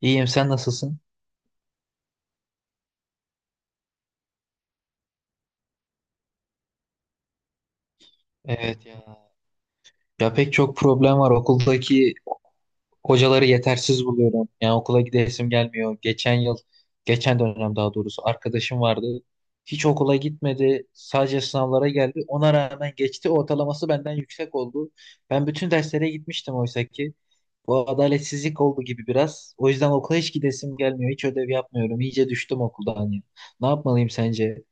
İyiyim, sen nasılsın? Evet ya. Ya pek çok problem var. Okuldaki hocaları yetersiz buluyorum. Yani okula gidesim gelmiyor. Geçen yıl, geçen dönem daha doğrusu arkadaşım vardı. Hiç okula gitmedi. Sadece sınavlara geldi. Ona rağmen geçti. Ortalaması benden yüksek oldu. Ben bütün derslere gitmiştim oysa ki. Bu adaletsizlik oldu gibi biraz. O yüzden okula hiç gidesim gelmiyor. Hiç ödev yapmıyorum. İyice düştüm okuldan ya. Ne yapmalıyım sence?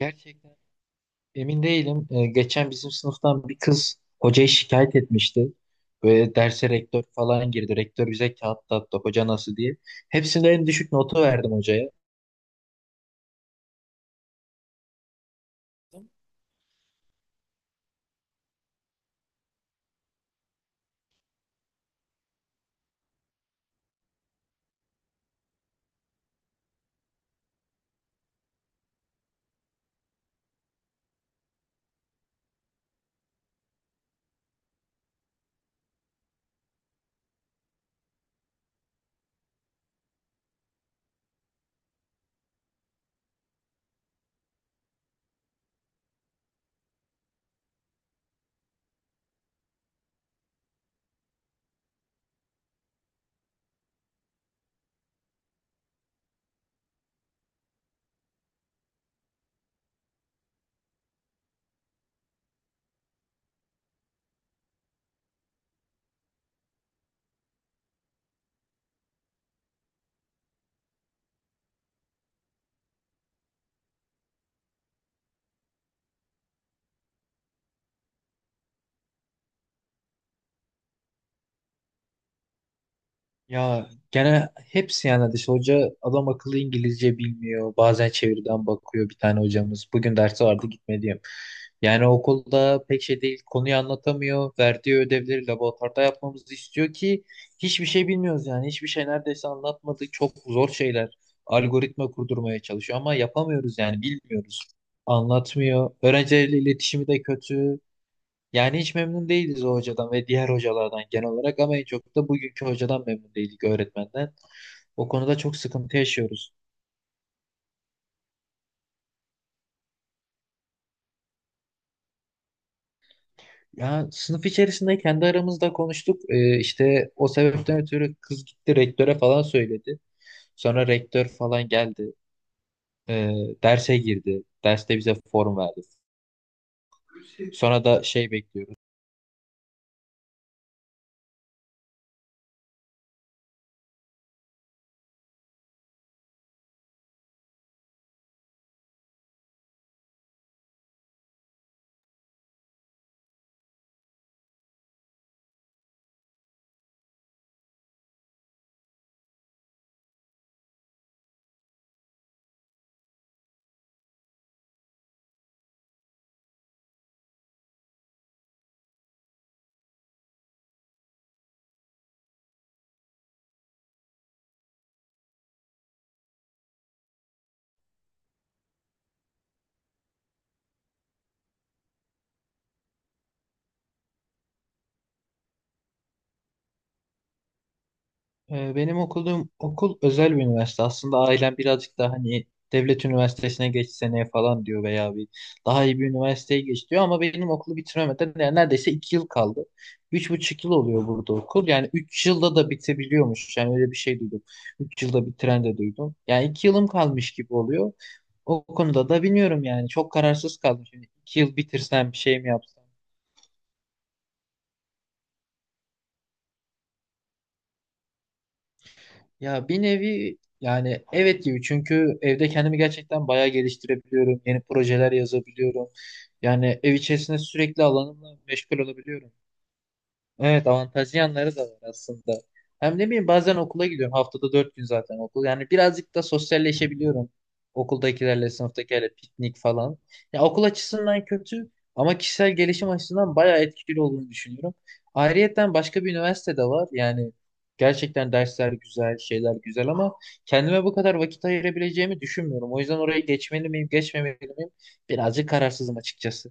Gerçekten. Emin değilim. Geçen bizim sınıftan bir kız hocayı şikayet etmişti. Böyle derse rektör falan girdi. Rektör bize kağıt dağıttı hoca nasıl diye. Hepsinde en düşük notu verdim hocaya. Ya gene hepsi yani dış hoca adam akıllı İngilizce bilmiyor. Bazen çeviriden bakıyor bir tane hocamız. Bugün dersi vardı gitme diyeyim. Yani okulda pek şey değil. Konuyu anlatamıyor. Verdiği ödevleri laboratuvarda yapmamızı istiyor ki hiçbir şey bilmiyoruz yani. Hiçbir şey neredeyse anlatmadı. Çok zor şeyler. Algoritma kurdurmaya çalışıyor ama yapamıyoruz yani bilmiyoruz. Anlatmıyor. Öğrencilerle iletişimi de kötü. Yani hiç memnun değiliz o hocadan ve diğer hocalardan genel olarak ama en çok da bugünkü hocadan memnun değildik öğretmenden. O konuda çok sıkıntı yaşıyoruz. Ya sınıf içerisinde kendi aramızda konuştuk. İşte o sebepten ötürü kız gitti rektöre falan söyledi. Sonra rektör falan geldi. Ee, Derse girdi. Derste bize form verdi. Sonra da şey bekliyoruz. Benim okuduğum okul özel bir üniversite. Aslında ailem birazcık daha hani devlet üniversitesine geç seneye falan diyor veya bir daha iyi bir üniversiteye geç diyor ama benim okulu bitiremeden yani neredeyse 2 yıl kaldı. 3,5 yıl oluyor burada okul. Yani 3 yılda da bitebiliyormuş. Yani öyle bir şey duydum. 3 yılda bitiren de duydum. Yani 2 yılım kalmış gibi oluyor. O konuda da bilmiyorum yani. Çok kararsız kaldım. Şimdi 2 yıl bitirsem bir şey mi yapsam? Ya bir nevi yani evet gibi çünkü evde kendimi gerçekten bayağı geliştirebiliyorum. Yeni projeler yazabiliyorum. Yani ev içerisinde sürekli alanımla meşgul olabiliyorum. Evet avantajlı yanları da var aslında. Hem ne bileyim bazen okula gidiyorum. Haftada 4 gün zaten okul. Yani birazcık da sosyalleşebiliyorum. Okuldakilerle, sınıftakilerle piknik falan. Ya okul açısından kötü ama kişisel gelişim açısından bayağı etkili olduğunu düşünüyorum. Ayrıyeten başka bir üniversite de var. Yani gerçekten dersler güzel, şeyler güzel ama kendime bu kadar vakit ayırabileceğimi düşünmüyorum. O yüzden oraya geçmeli miyim, geçmemeli miyim? Birazcık kararsızım açıkçası.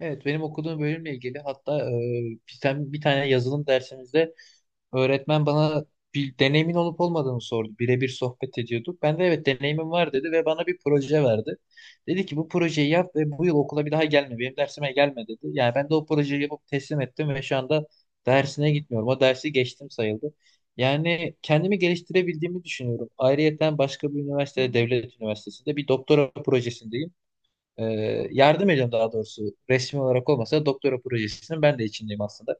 Evet, benim okuduğum bölümle ilgili hatta bir tane yazılım dersimizde öğretmen bana bir deneyimin olup olmadığını sordu. Birebir sohbet ediyorduk. Ben de evet deneyimim var dedi ve bana bir proje verdi. Dedi ki bu projeyi yap ve bu yıl okula bir daha gelme. Benim dersime gelme dedi. Yani ben de o projeyi yapıp teslim ettim ve şu anda dersine gitmiyorum. O dersi geçtim sayıldı. Yani kendimi geliştirebildiğimi düşünüyorum. Ayrıyeten başka bir üniversitede, devlet üniversitesinde bir doktora projesindeyim. Ee, Yardım ediyorum daha doğrusu. Resmi olarak olmasa da doktora projesinin ben de içindeyim aslında.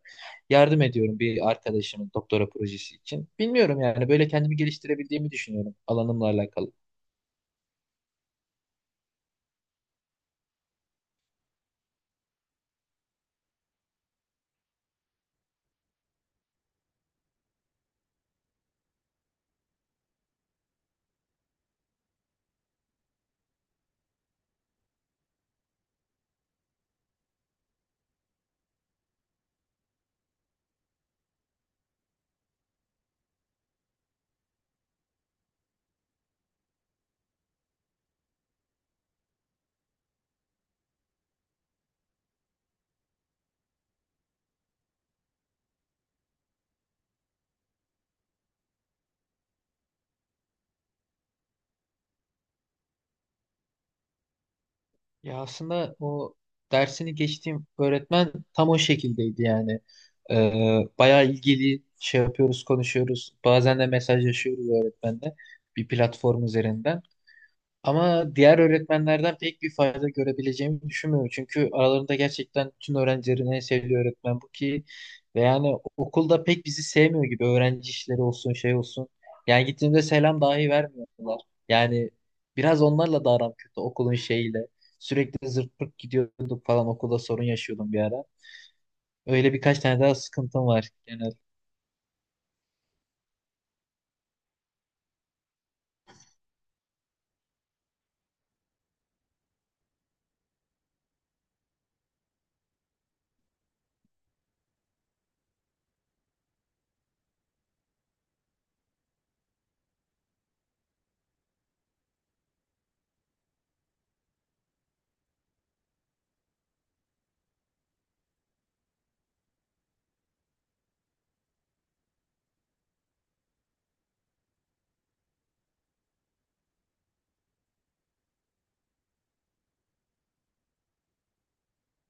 Yardım ediyorum bir arkadaşımın doktora projesi için. Bilmiyorum yani böyle kendimi geliştirebildiğimi düşünüyorum alanımla alakalı. Ya aslında o dersini geçtiğim öğretmen tam o şekildeydi yani. Bayağı ilgili şey yapıyoruz, konuşuyoruz. Bazen de mesajlaşıyoruz öğretmenle bir platform üzerinden. Ama diğer öğretmenlerden pek bir fayda görebileceğimi düşünmüyorum. Çünkü aralarında gerçekten tüm öğrencilerin en sevdiği öğretmen bu ki ve yani okulda pek bizi sevmiyor gibi öğrenci işleri olsun şey olsun. Yani gittiğimde selam dahi vermiyorlar. Yani biraz onlarla da aram kötü okulun şeyiyle. Sürekli zırt pırt gidiyorduk falan okulda sorun yaşıyordum bir ara. Öyle birkaç tane daha sıkıntım var genel.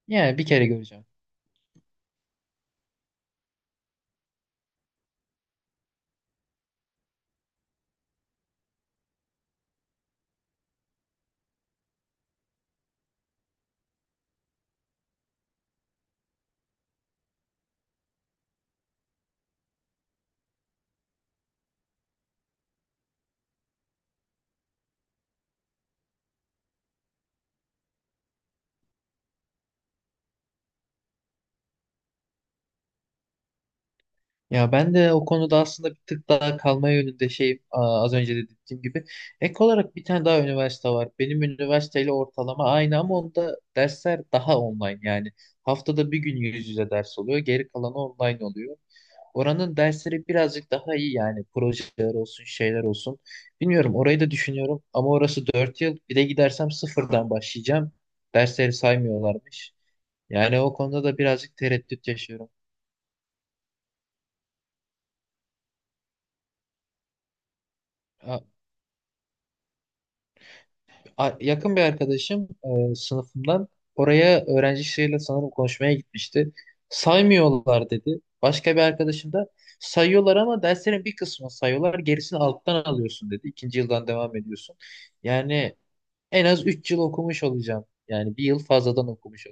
Yani bir kere göreceğim. Ya ben de o konuda aslında bir tık daha kalma yönünde şeyim az önce de dediğim gibi. Ek olarak bir tane daha üniversite var. Benim üniversiteyle ortalama aynı ama onda dersler daha online yani. Haftada bir gün yüz yüze ders oluyor, geri kalanı online oluyor. Oranın dersleri birazcık daha iyi yani projeler olsun, şeyler olsun. Bilmiyorum orayı da düşünüyorum ama orası 4 yıl. Bir de gidersem sıfırdan başlayacağım. Dersleri saymıyorlarmış. Yani o konuda da birazcık tereddüt yaşıyorum. Yakın bir arkadaşım sınıfımdan oraya öğrencisiyle sanırım konuşmaya gitmişti. Saymıyorlar dedi. Başka bir arkadaşım da sayıyorlar ama derslerin bir kısmını sayıyorlar. Gerisini alttan alıyorsun dedi. İkinci yıldan devam ediyorsun. Yani en az 3 yıl okumuş olacağım. Yani bir yıl fazladan okumuş.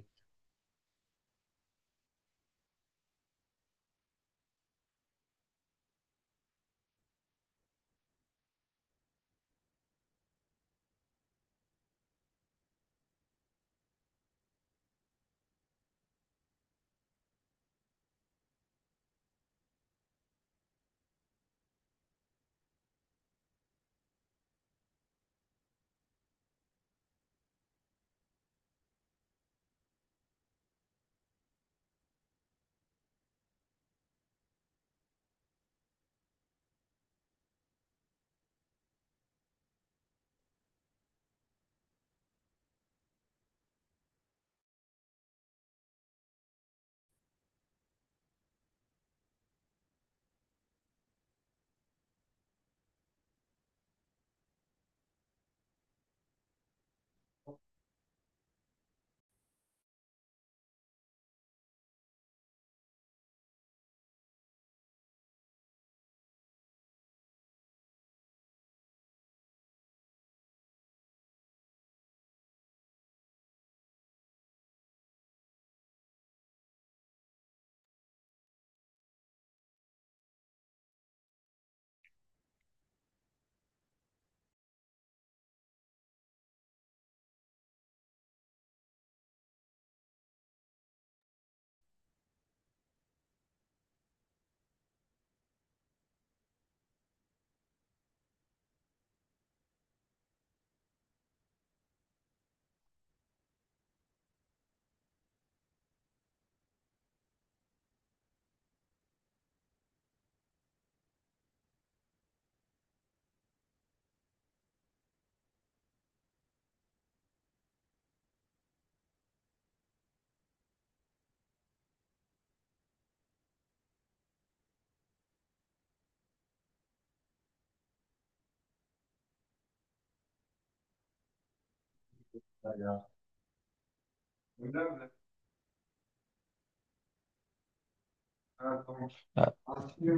Ya,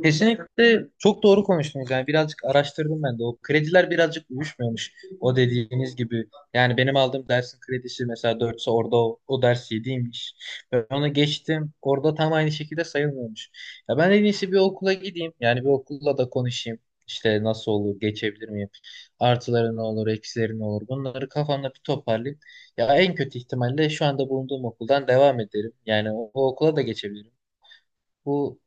kesinlikle çok doğru konuştunuz. Yani birazcık araştırdım ben de. O krediler birazcık uyuşmuyormuş. O dediğiniz gibi. Yani benim aldığım dersin kredisi mesela dörtse orada o ders 7'ymiş. Ben onu geçtim. Orada tam aynı şekilde sayılmıyormuş. Ya ben en iyisi bir okula gideyim. Yani bir okulla da konuşayım. İşte nasıl olur, geçebilir miyim? Artıları ne olur, eksileri ne olur? Bunları kafamda bir toparlayayım. Ya en kötü ihtimalle şu anda bulunduğum okuldan devam ederim. Yani o okula da geçebilirim. Bu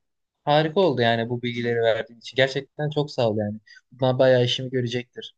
harika oldu yani bu bilgileri verdiğin için. Gerçekten çok sağ ol yani. Bundan bayağı işimi görecektir.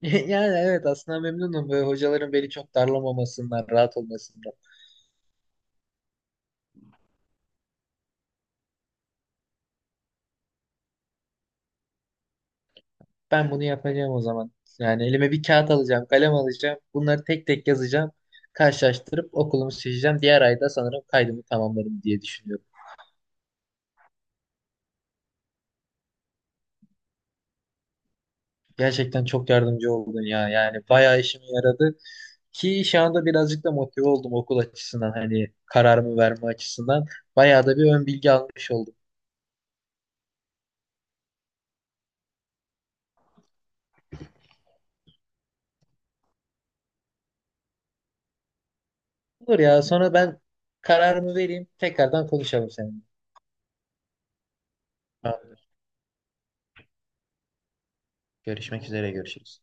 Yani evet aslında memnunum ve hocaların beni çok darlamamasından, rahat olmasından. Ben bunu yapacağım o zaman. Yani elime bir kağıt alacağım, kalem alacağım. Bunları tek tek yazacağım. Karşılaştırıp okulumu seçeceğim. Diğer ayda sanırım kaydımı tamamlarım diye düşünüyorum. Gerçekten çok yardımcı oldun ya. Yani bayağı işime yaradı. Ki şu anda birazcık da motive oldum okul açısından hani kararımı verme açısından. Bayağı da bir ön bilgi almış oldum. Olur ya sonra ben kararımı vereyim tekrardan konuşalım seninle. Tamamdır. Görüşmek üzere görüşürüz.